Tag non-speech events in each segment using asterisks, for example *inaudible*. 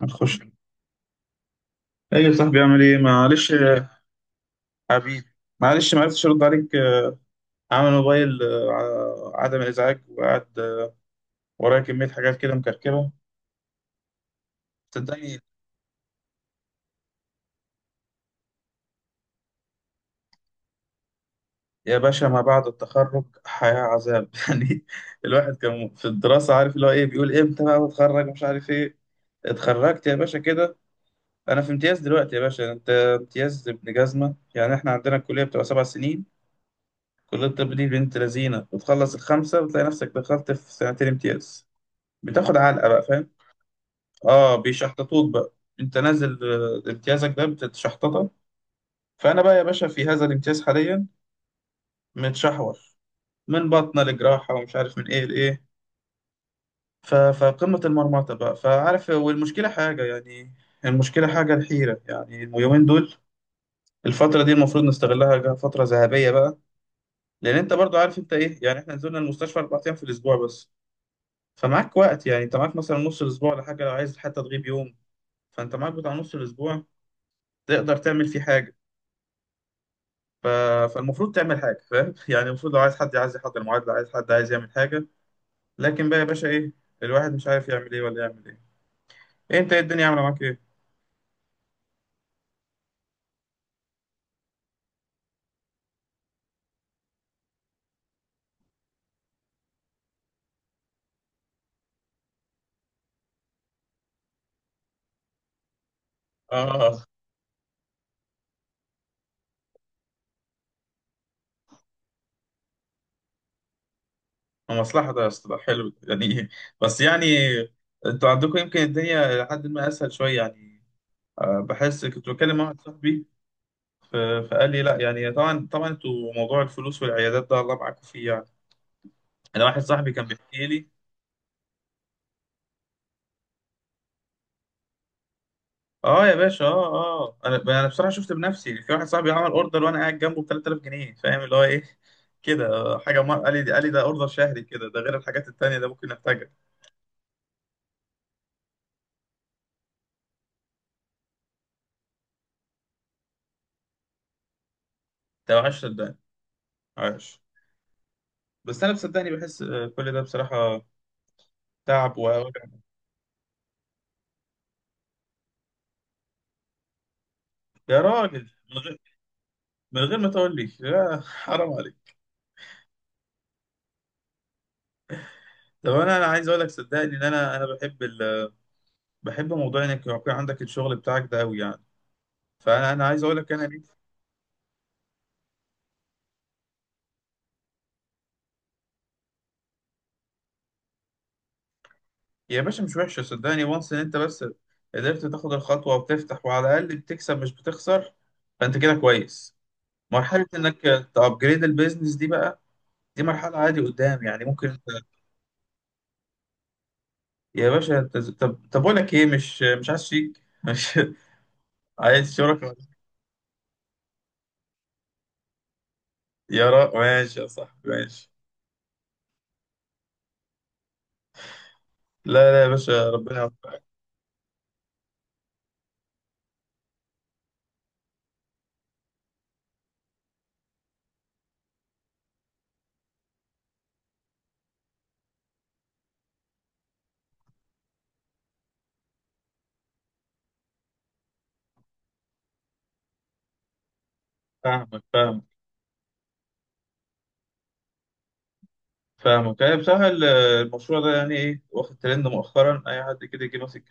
هتخش ايه يا صاحبي اعمل ايه؟ معلش يا حبيبي، معلش ما عرفتش ارد عليك، عامل موبايل عدم الازعاج، وقعد ورايا كميه حاجات كده مكركبه. صدقني يا باشا، ما بعد التخرج حياه عذاب *laughs* يعني. الواحد كان في الدراسه عارف اللي هو ايه، بيقول امتى بقى اتخرج، مش عارف ايه. اتخرجت يا باشا كده، انا في امتياز دلوقتي يا باشا. انت امتياز ابن جزمه، يعني احنا عندنا الكليه بتبقى سبع سنين. كليه الطب دي بنت لذينه، بتخلص الخمسه بتلاقي نفسك دخلت في سنتين امتياز، بتاخد علقه بقى، فاهم؟ اه بيشحططوك بقى. انت نازل، امتيازك ده بتتشحططك. فانا بقى يا باشا في هذا الامتياز حاليا متشحور، من بطنه لجراحه ومش عارف من ايه لايه. فقمه المرمطه بقى، فعارف، والمشكله حاجه يعني، المشكله حاجه الحيره يعني. اليومين دول، الفتره دي المفروض نستغلها، فتره ذهبيه بقى، لان انت برضو عارف انت ايه. يعني احنا نزلنا المستشفى اربع ايام في الاسبوع بس، فمعاك وقت. يعني انت معاك مثلا نص الاسبوع ولا حاجه، لو عايز حتى تغيب يوم فانت معاك بتاع نص الاسبوع تقدر تعمل فيه حاجة. ف... فالمفروض تعمل حاجة، فاهم؟ *laughs* يعني المفروض لو عايز حد عايز يحضر معادلة، عايز حد عايز يعمل حاجة. لكن بقى يا باشا إيه، الواحد مش عارف يعمل إيه ولا يعمل إيه. إيه أنت، إيه الدنيا عاملة معاك إيه؟ آه. مصلحة ده يا اسطى، ده حلو ده يعني *laughs* إيه؟ بس يعني أنتوا عندكم يمكن الدنيا لحد ما أسهل شوية يعني. بحس كنت بكلم واحد صاحبي، ف- فقال لي لا، يعني طبعا طبعا انتوا موضوع الفلوس والعيادات ده الله معاكم فيه يعني. انا واحد صاحبي كان بيحكي لي. اه يا باشا، اه اه. انا بصراحه شفت بنفسي في واحد صاحبي عمل اوردر وانا قاعد جنبه ب 3000 جنيه، فاهم اللي هو ايه كده. قال لي، قال لي ده اوردر شهري كده، ده غير الحاجات التانيه ده ممكن احتاجها. ده عاش صدقني، عاش. بس انا بصدقني بحس كل ده بصراحه تعب ووجع. يا راجل من غير، من غير ما تقول لي، يا حرام عليك! طب انا عايز اقول لك صدقني ان انا بحب موضوع انك يكون عندك الشغل بتاعك ده قوي يعني. فانا عايز اقول لك انا، يا باشا مش وحشة صدقني. وانس ان انت بس قدرت تاخد الخطوة وتفتح، وعلى الأقل بتكسب مش بتخسر، فانت كده كويس. مرحلة انك تأبجريد البيزنس دي بقى، دي مرحلة عادي قدام يعني ممكن انت. يا باشا انت طب اقول لك ايه، مش عايز شيك، مش *laughs* عايز شركة؟ يا را ماشي يا صاحبي ماشي، لا يا باشا ربنا يوفقك. فاهمك فاهمك فاهمك يعني. بصراحة المشروع ده يعني ايه، واخد ترند مؤخرا، اي حد كده يجي ماسك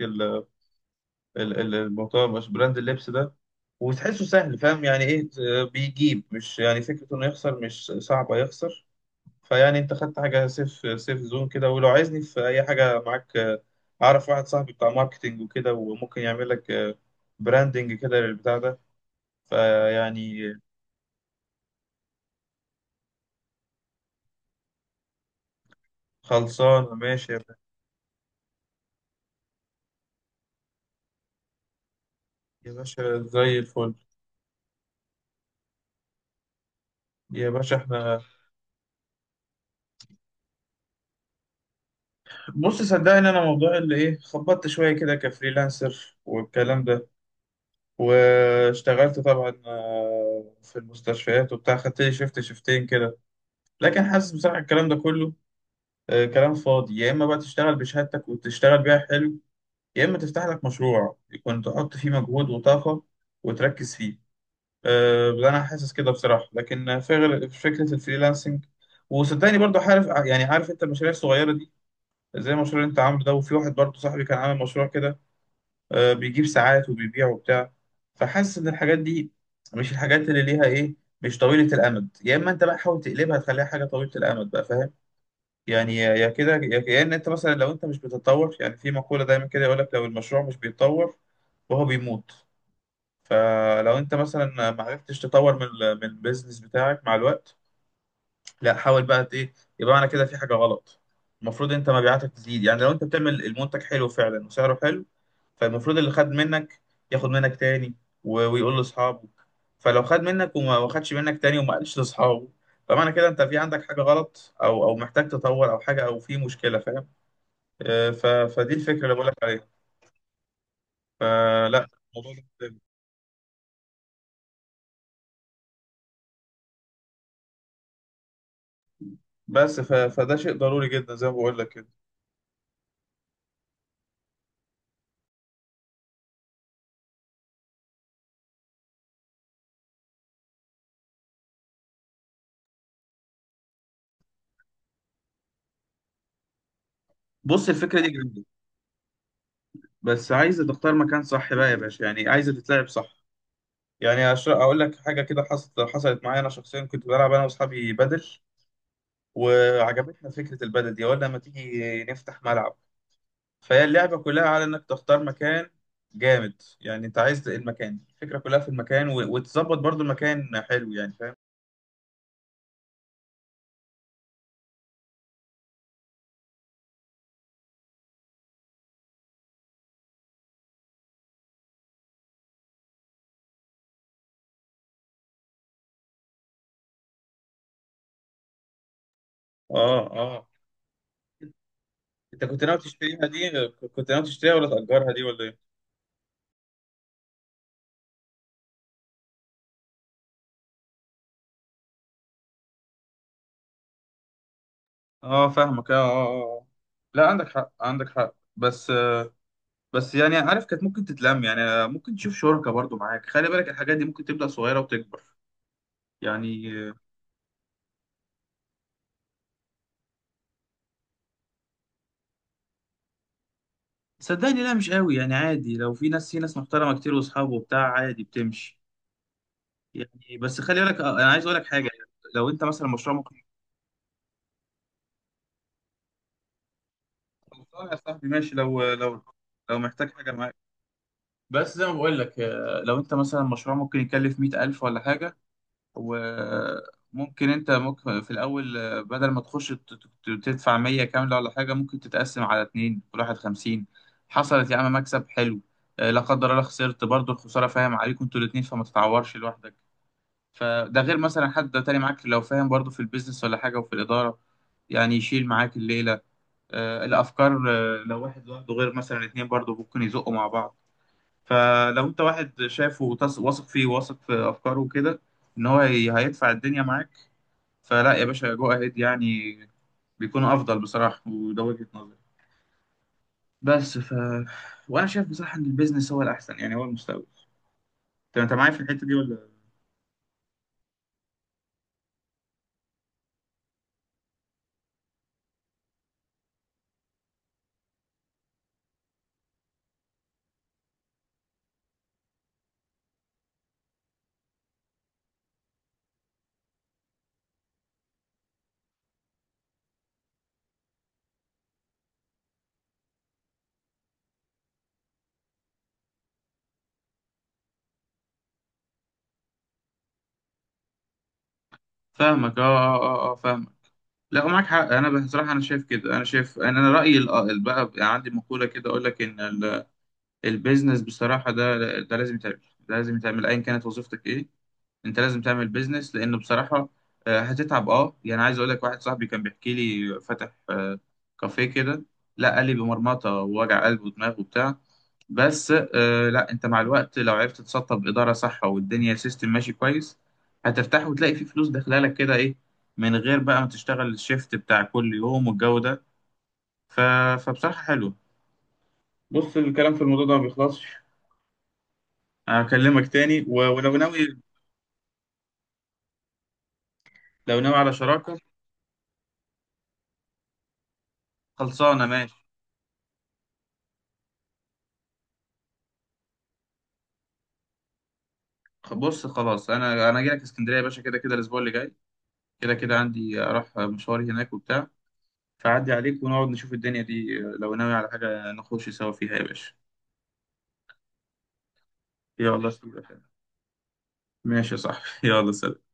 الموضوع مش براند اللبس ده وتحسه سهل، فاهم يعني ايه؟ بيجيب، مش يعني فكرة انه يخسر، مش صعبة يخسر. فيعني انت خدت حاجة سيف، سيف زون كده. ولو عايزني في اي حاجة معاك، اعرف واحد صاحبي بتاع ماركتينج وكده، وممكن يعمل لك براندنج كده للبتاع ده. فيعني خلصان ماشي يا باشا. يا باشا زي الفل. يا باشا احنا، بص صدقني انا موضوع اللي ايه، خبطت شوية كده كفريلانسر والكلام ده، واشتغلت طبعا في المستشفيات وبتاع، خدت لي شيفت شيفتين كده، لكن حاسس بصراحة الكلام ده كله كلام فاضي. يا إما بقى تشتغل بشهادتك وتشتغل بيها حلو، يا إما تفتح لك مشروع يكون تحط فيه مجهود وطاقة وتركز فيه. ده أنا حاسس كده بصراحة. لكن في فكرة الفريلانسنج، وصدقني برضو عارف يعني، عارف انت المشاريع الصغيرة دي، زي المشروع اللي انت عامله ده. وفي واحد برضو صاحبي كان عامل مشروع كده، بيجيب ساعات وبيبيع وبتاع. فحاسس ان الحاجات دي مش الحاجات اللي ليها ايه، مش طويلة الامد. يا اما انت بقى حاول تقلبها تخليها حاجة طويلة الامد بقى، فاهم يعني؟ يا يا كده يا يا ان انت مثلا لو انت مش بتتطور، يعني في مقولة دايما كده يقول لك لو المشروع مش بيتطور فهو بيموت. فلو انت مثلا ما عرفتش تطور من من البيزنس بتاعك مع الوقت، لا حاول بقى ايه، يبقى انا كده في حاجه غلط. المفروض انت مبيعاتك تزيد، يعني لو انت بتعمل المنتج حلو فعلا وسعره حلو، فالمفروض اللي خد منك ياخد منك تاني ويقول لاصحابه. فلو خد منك وما ما خدش منك تاني وما قالش لاصحابه، فمعنى كده انت في عندك حاجه غلط او محتاج تطور او حاجه او في مشكله، فاهم؟ آه، ف- فدي الفكره اللي بقول لك عليها. فلا، الموضوع ده مهم. فده شيء ضروري جدا زي ما بقول لك كده. بص الفكره دي جامده، بس عايزه تختار مكان صح بقى يا باشا، يعني عايزه تتلعب صح. يعني اقول لك حاجه كده، حصلت معايا انا شخصيا. كنت بلعب انا واصحابي بدل، وعجبتنا فكره البدل دي، قلنا ما تيجي نفتح ملعب. فهي اللعبه كلها على انك تختار مكان جامد، يعني انت عايز المكان، الفكره كلها في المكان، وتظبط برضو المكان حلو، يعني فاهم. اه اه، انت كنت ناوي تشتريها دي، كنت ناوي تشتريها ولا تأجرها دي ولا ايه؟ اه فاهمك، اه اه آه. لا عندك حق، عندك حق. بس بس يعني عارف، كانت ممكن تتلم يعني، ممكن تشوف شركة برضو معاك، خلي بالك الحاجات دي ممكن تبدأ صغيرة وتكبر يعني. صدقني لا، مش قوي يعني عادي، لو في ناس، في ناس محترمة كتير واصحابه وبتاع عادي بتمشي يعني. بس خلي بالك، انا عايز اقول لك حاجة. يعني لو انت مثلا مشروع ممكن، خلصان يا صاحبي ماشي. لو محتاج حاجة معاك، بس زي ما بقول لك، لو انت مثلا مشروع ممكن يكلف 100000 ولا حاجة، وممكن انت ممكن في الاول، بدل ما تخش تدفع 100 كامله ولا حاجه، ممكن تتقسم على اتنين، كل واحد 50. حصلت يا عم، مكسب حلو. لا قدر الله خسرت، برضه الخساره فاهم عليكم انتوا الاتنين، فما تتعورش لوحدك. فده غير مثلا حد تاني معاك لو فاهم برضه في البيزنس ولا حاجه وفي الاداره، يعني يشيل معاك الليله، الافكار. لو واحد لوحده غير مثلا اتنين، برضه ممكن يزقوا مع بعض. فلو انت واحد شافه واثق فيه، واثق في افكاره وكده، ان هو هيدفع الدنيا معاك، فلا يا باشا جو اهيد يعني، بيكون افضل بصراحه. وده وجهه نظري. بس ف وانا شايف بصراحه ان البيزنس هو الاحسن، يعني هو المستقبل. انت معايا في الحته دي ولا؟ فاهمك اه اه اه, آه فاهمك لا معاك حق. انا بصراحه انا شايف كده، انا شايف، انا رايي بقى يعني عندي مقوله كده اقول لك ان البيزنس بصراحه، ده لازم يتعمل، ده لازم يتعمل ايا كانت وظيفتك ايه. انت لازم تعمل بيزنس، لان بصراحه هتتعب اه. يعني عايز اقول لك، واحد صاحبي كان بيحكي لي فاتح كافيه كده، لا قال لي بمرمطه ووجع قلب ودماغ وبتاع. بس لا انت مع الوقت لو عرفت تسطب اداره صح، والدنيا سيستم ماشي كويس، هترتاح وتلاقي في فلوس داخله لك كده ايه، من غير بقى ما تشتغل الشيفت بتاع كل يوم والجو ده. ف... فبصراحه حلو. بص الكلام في الموضوع ده ما بيخلصش، هكلمك تاني. ولو ناوي، لو ناوي على شراكه، خلصانه ماشي. بص خلاص، انا جاي لك اسكندريه يا باشا، كده كده الاسبوع اللي جاي كده كده عندي اروح مشواري هناك وبتاع، فعدي عليك ونقعد نشوف الدنيا دي، لو ناوي على حاجه نخش سوا فيها يا باشا. يلا سلام، ماشي يا صاحبي *laughs* يلا سلام.